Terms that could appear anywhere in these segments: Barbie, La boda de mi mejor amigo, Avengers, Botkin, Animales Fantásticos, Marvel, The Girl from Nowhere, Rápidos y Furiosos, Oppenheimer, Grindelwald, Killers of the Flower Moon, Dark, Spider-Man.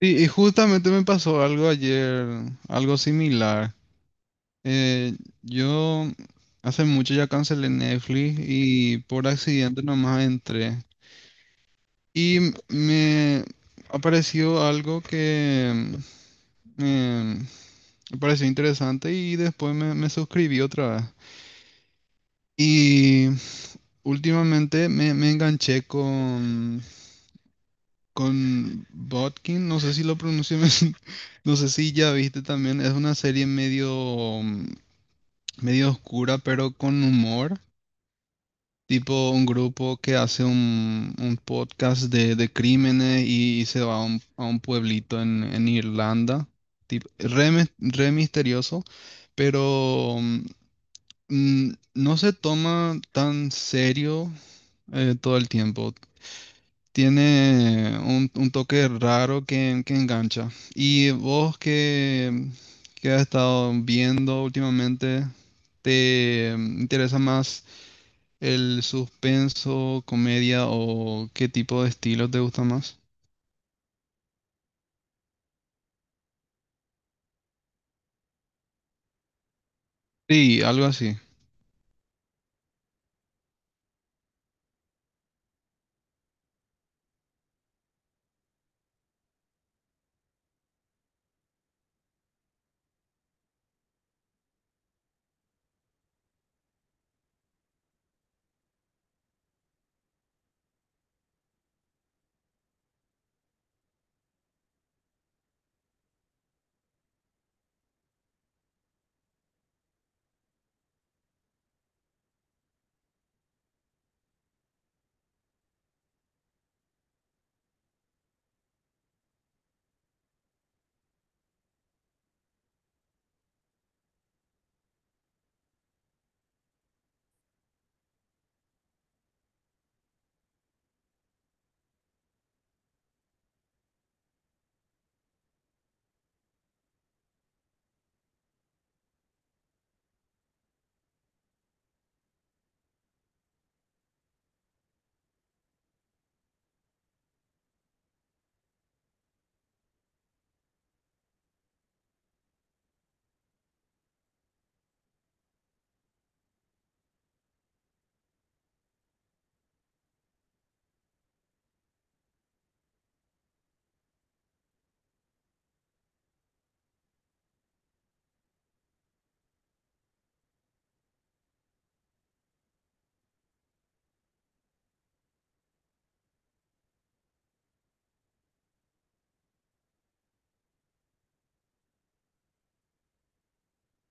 Y justamente me pasó algo ayer, algo similar. Eh, yo hace mucho ya cancelé Netflix y por accidente nomás entré. Y me apareció algo que me, me pareció interesante y después me suscribí otra vez. Y últimamente me enganché con Botkin, no sé si lo pronuncié bien, no sé si ya viste también. Es una serie medio, medio oscura, pero con humor, tipo un grupo que hace un podcast de crímenes y se va a a un pueblito en Irlanda, tipo, re, re misterioso, pero no se toma tan serio todo el tiempo. Tiene un toque raro que engancha. ¿Y vos que has estado viendo últimamente? ¿Te interesa más el suspenso, comedia o qué tipo de estilo te gusta más? Sí, algo así.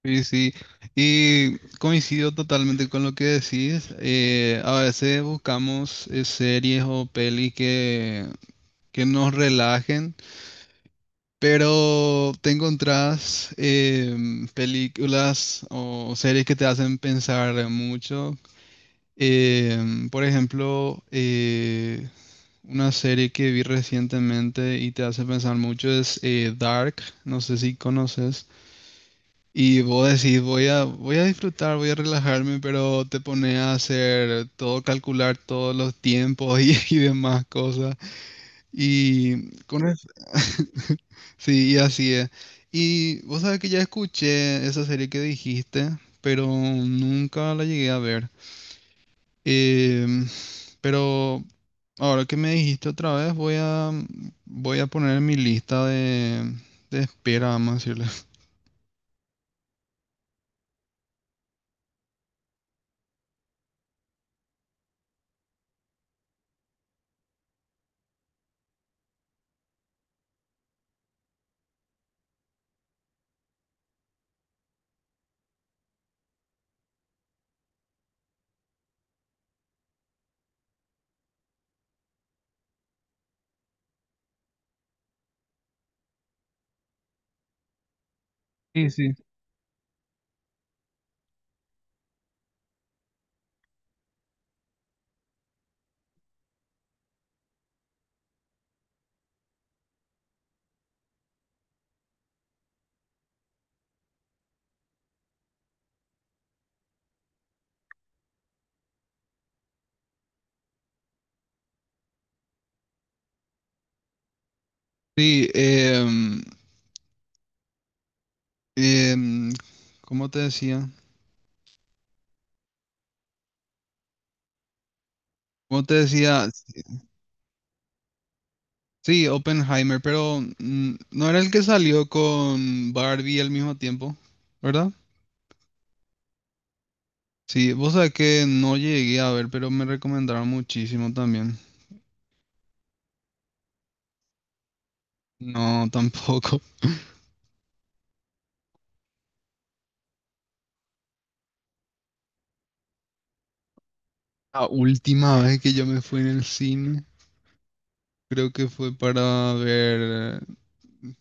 Sí, sí. Y coincido totalmente con lo que decís. A veces buscamos series o pelis que nos relajen. Pero te encontrás películas o series que te hacen pensar mucho. Por ejemplo, una serie que vi recientemente y te hace pensar mucho es Dark, no sé si conoces. Y vos decís, voy a disfrutar, voy a relajarme, pero te pone a hacer todo, calcular todos los tiempos y, y demás cosas. Y con eso, sí, y así es. Y vos sabés que ya escuché esa serie que dijiste, pero nunca la llegué a ver. Em, pero ahora que me dijiste otra vez, voy a poner en mi lista de espera, vamos a decirle. Sí, sí. Sí, em, ¿cómo te decía? ¿Cómo te decía? Sí, Oppenheimer, pero no era el que salió con Barbie al mismo tiempo, ¿verdad? Sí, vos sabés que no llegué a ver, pero me recomendaron muchísimo también. No, tampoco. La última vez que yo me fui en el cine, creo que fue para ver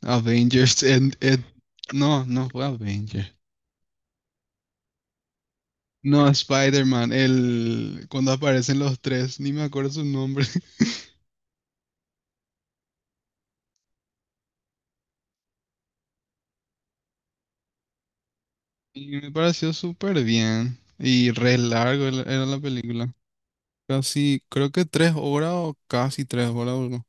Avengers No, no fue Avengers. No, Spider-Man, el cuando aparecen los tres, ni me acuerdo su nombre. Y me pareció súper bien. Y re largo era la película. Casi, creo que tres horas o casi tres horas duró.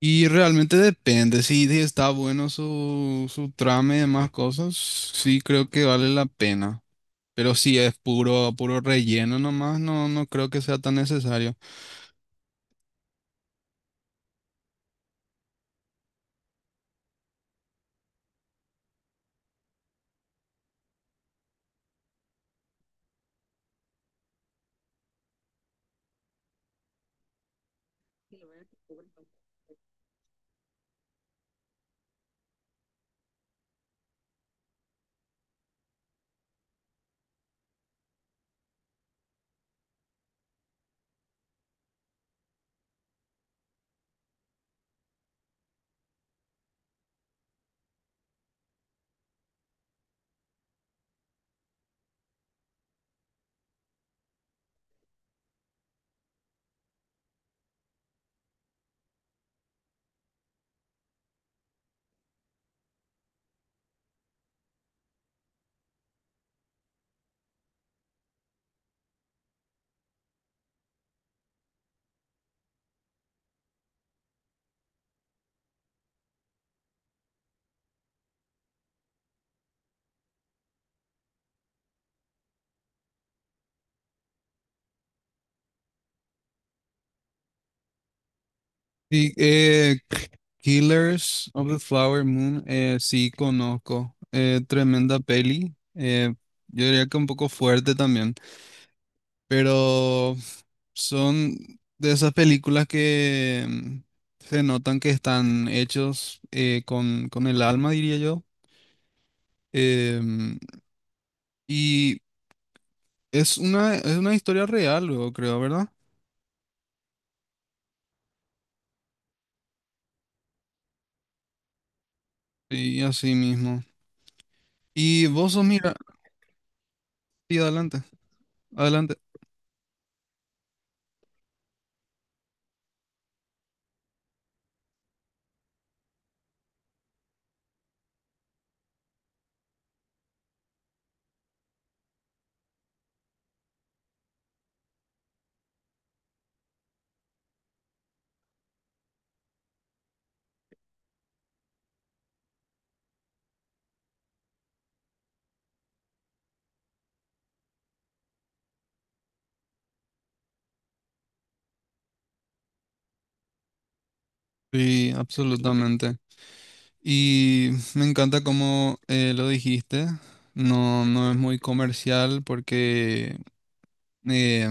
Y realmente depende, si está bueno su trama y demás cosas, sí creo que vale la pena. Pero si es puro relleno nomás, no, no creo que sea tan necesario. Y Killers of the Flower Moon, sí conozco. Tremenda peli. Yo diría que un poco fuerte también, pero son de esas películas que se notan que están hechos con el alma, diría yo. Em, y es una historia real, luego creo, ¿verdad? Sí, así mismo. Y vos sos, mira, sí, adelante, adelante. Sí, absolutamente. Y me encanta cómo lo dijiste. No, no es muy comercial porque eh,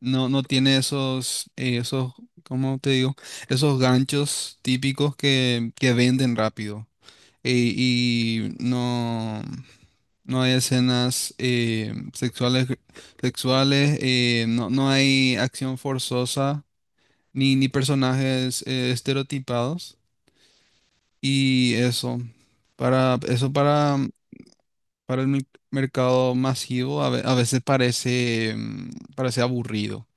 no, no tiene esos, esos, ¿cómo te digo? Esos ganchos típicos que venden rápido. Y no, no hay escenas sexuales, sexuales no, no hay acción forzosa, ni, ni personajes estereotipados. Y eso, para, eso para el mercado masivo a veces parece, parece aburrido.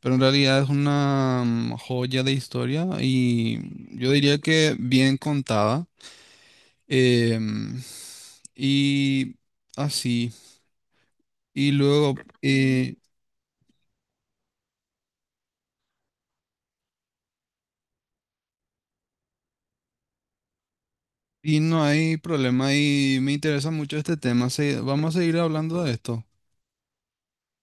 Pero en realidad es una joya de historia y yo diría que bien contada. em, y así. Y luego, eh, y no hay problema y me interesa mucho este tema. Vamos a seguir hablando de esto.